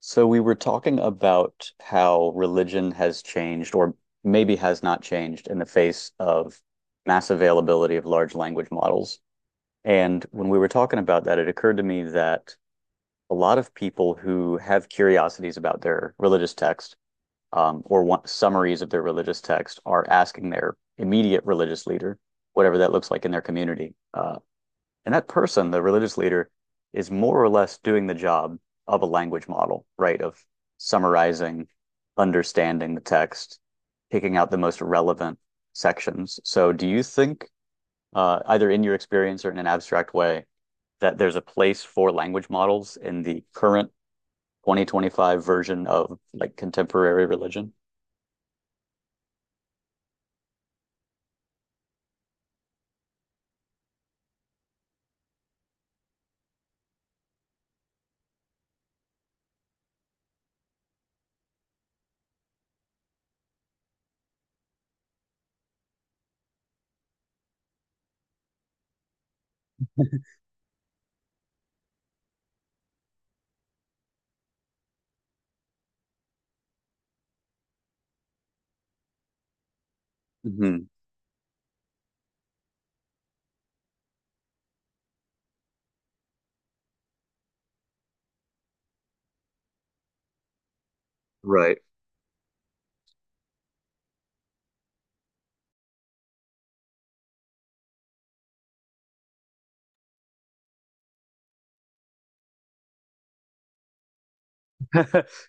So we were talking about how religion has changed or maybe has not changed in the face of mass availability of large language models. And when we were talking about that, it occurred to me that a lot of people who have curiosities about their religious text or want summaries of their religious text are asking their immediate religious leader, whatever that looks like in their community, and that person, the religious leader, is more or less doing the job of a language model, right? Of summarizing, understanding the text, picking out the most relevant sections. So, do you think, either in your experience or in an abstract way, that there's a place for language models in the current 2025 version of like contemporary religion? Hmm. Right.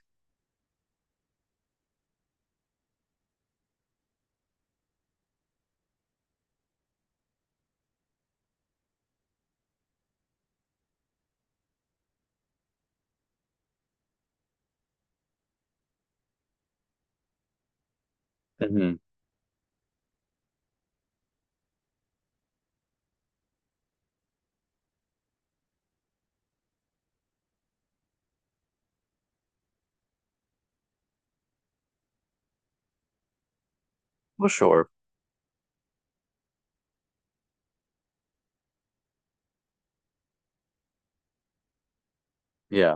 Hmm. Well, sure. Yeah.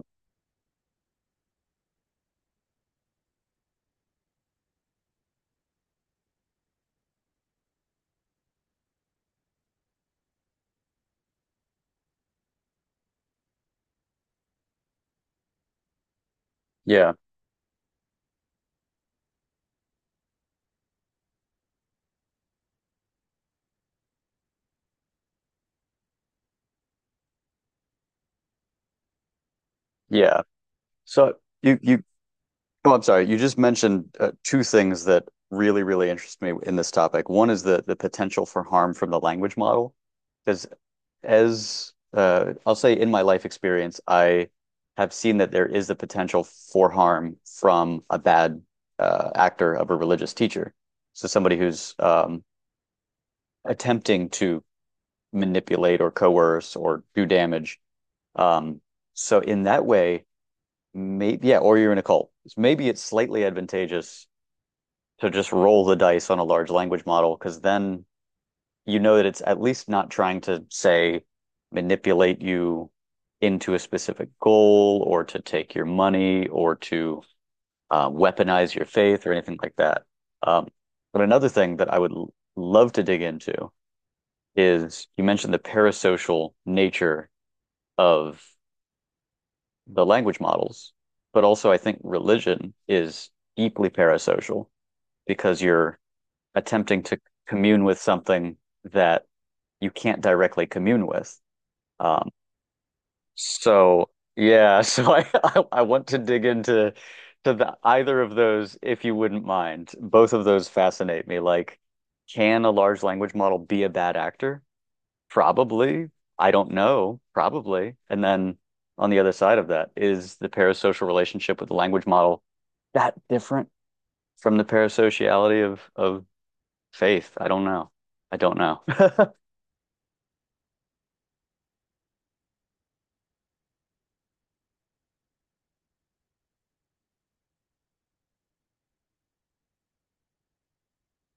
Yeah. Yeah. So you Oh, I'm sorry. You just mentioned two things that really, really interest me in this topic. One is the potential for harm from the language model. Because as I'll say in my life experience, I have seen that there is the potential for harm from a bad actor of a religious teacher. So somebody who's attempting to manipulate or coerce or do damage. Um, so in that way, maybe yeah, or you're in a cult. Maybe it's slightly advantageous to just roll the dice on a large language model because then you know that it's at least not trying to say manipulate you into a specific goal or to take your money or to weaponize your faith or anything like that. Um, but another thing that I would love to dig into is you mentioned the parasocial nature of the language models, but also I think religion is deeply parasocial because you're attempting to commune with something that you can't directly commune with. Um, so yeah, so I want to dig into to either of those if you wouldn't mind. Both of those fascinate me. Like, can a large language model be a bad actor? Probably. I don't know. Probably. And then on the other side of that, is the parasocial relationship with the language model that different from the parasociality of faith? I don't know. I don't know.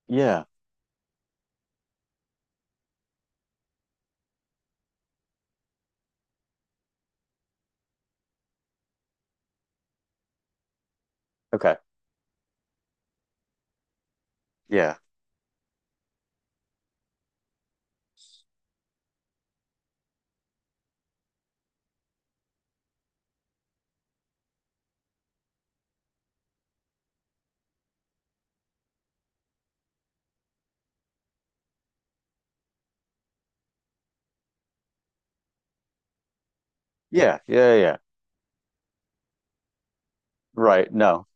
Yeah. Okay. Yeah. Yeah. Yeah. Yeah. Right. No.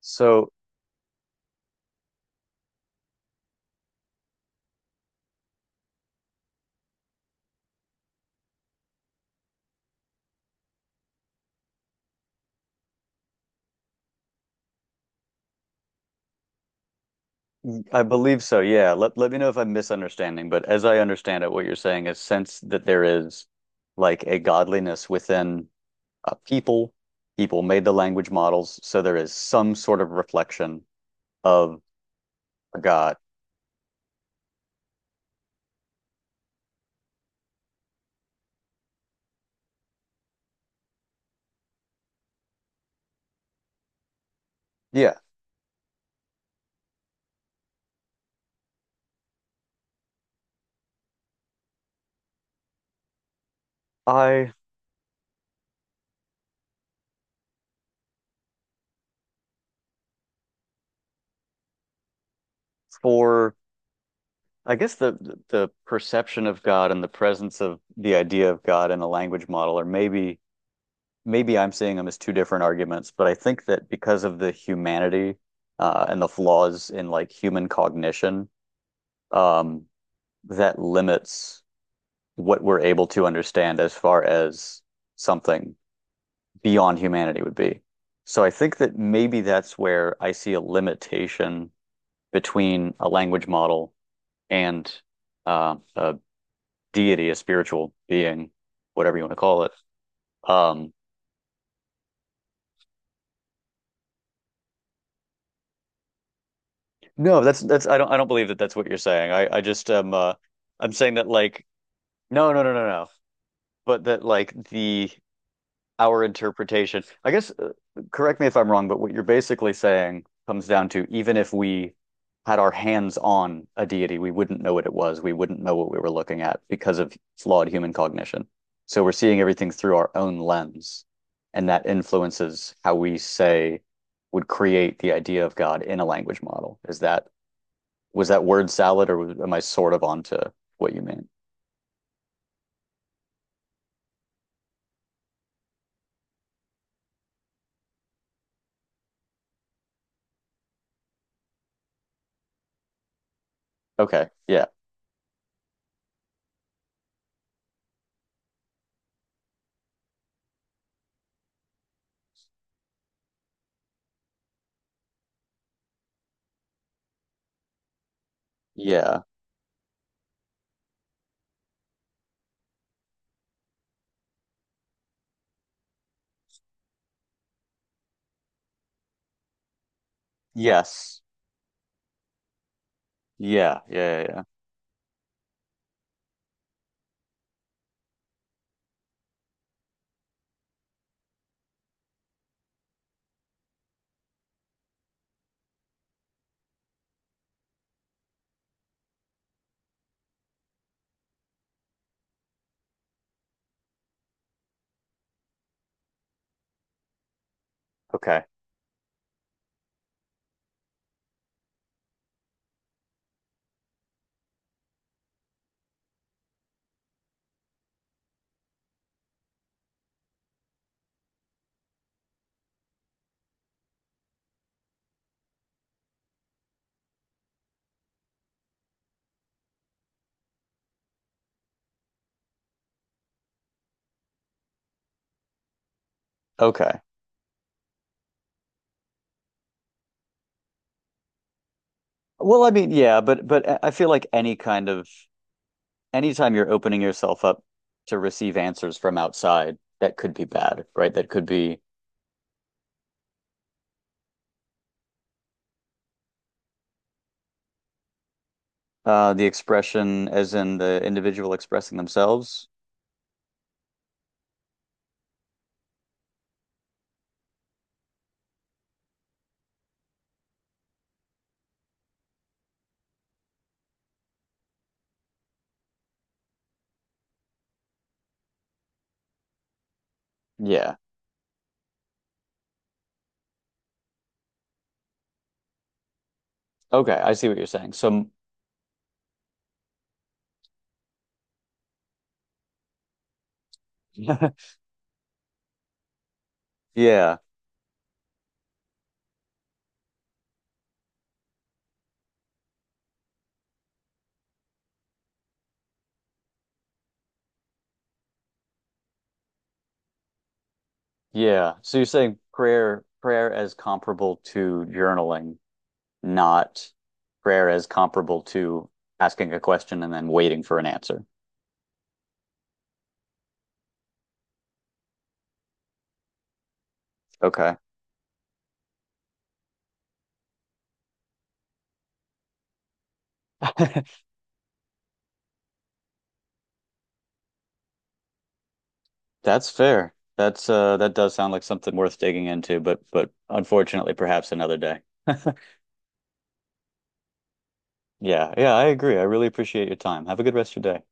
So I believe so. Yeah. Let me know if I'm misunderstanding, but as I understand it, what you're saying is since that there is like a godliness within a people, people made the language models, so there is some sort of reflection of a God. Yeah. I for I guess the perception of God and the presence of the idea of God in a language model are maybe maybe I'm seeing them as two different arguments, but I think that because of the humanity and the flaws in like human cognition, um, that limits what we're able to understand as far as something beyond humanity would be. So I think that maybe that's where I see a limitation between a language model and a deity, a spiritual being, whatever you want to call it. Um, No, that's I don't believe that that's what you're saying. I just I'm saying that like no no no no no. But that like the our interpretation. I guess correct me if I'm wrong, but what you're basically saying comes down to even if we had our hands on a deity, we wouldn't know what it was. We wouldn't know what we were looking at because of flawed human cognition. So we're seeing everything through our own lens, and that influences how we say would create the idea of God in a language model. Is that was that word salad, or am I sort of onto what you mean? Okay. Yeah. Yeah. Yes. Yeah. Yeah. Yeah. Yeah. Okay. Okay. Well, I mean, yeah, but but I feel like any kind of anytime you're opening yourself up to receive answers from outside, that could be bad, right? That could be the expression as in the individual expressing themselves. Yeah. Okay, I see what you're saying. So yeah, yeah. So you're saying prayer as comparable to journaling not prayer as comparable to asking a question and then waiting for an answer. Okay. That's fair. That's that does sound like something worth digging into, but unfortunately perhaps another day. Yeah, yeah, I agree. I really appreciate your time. Have a good rest of your day.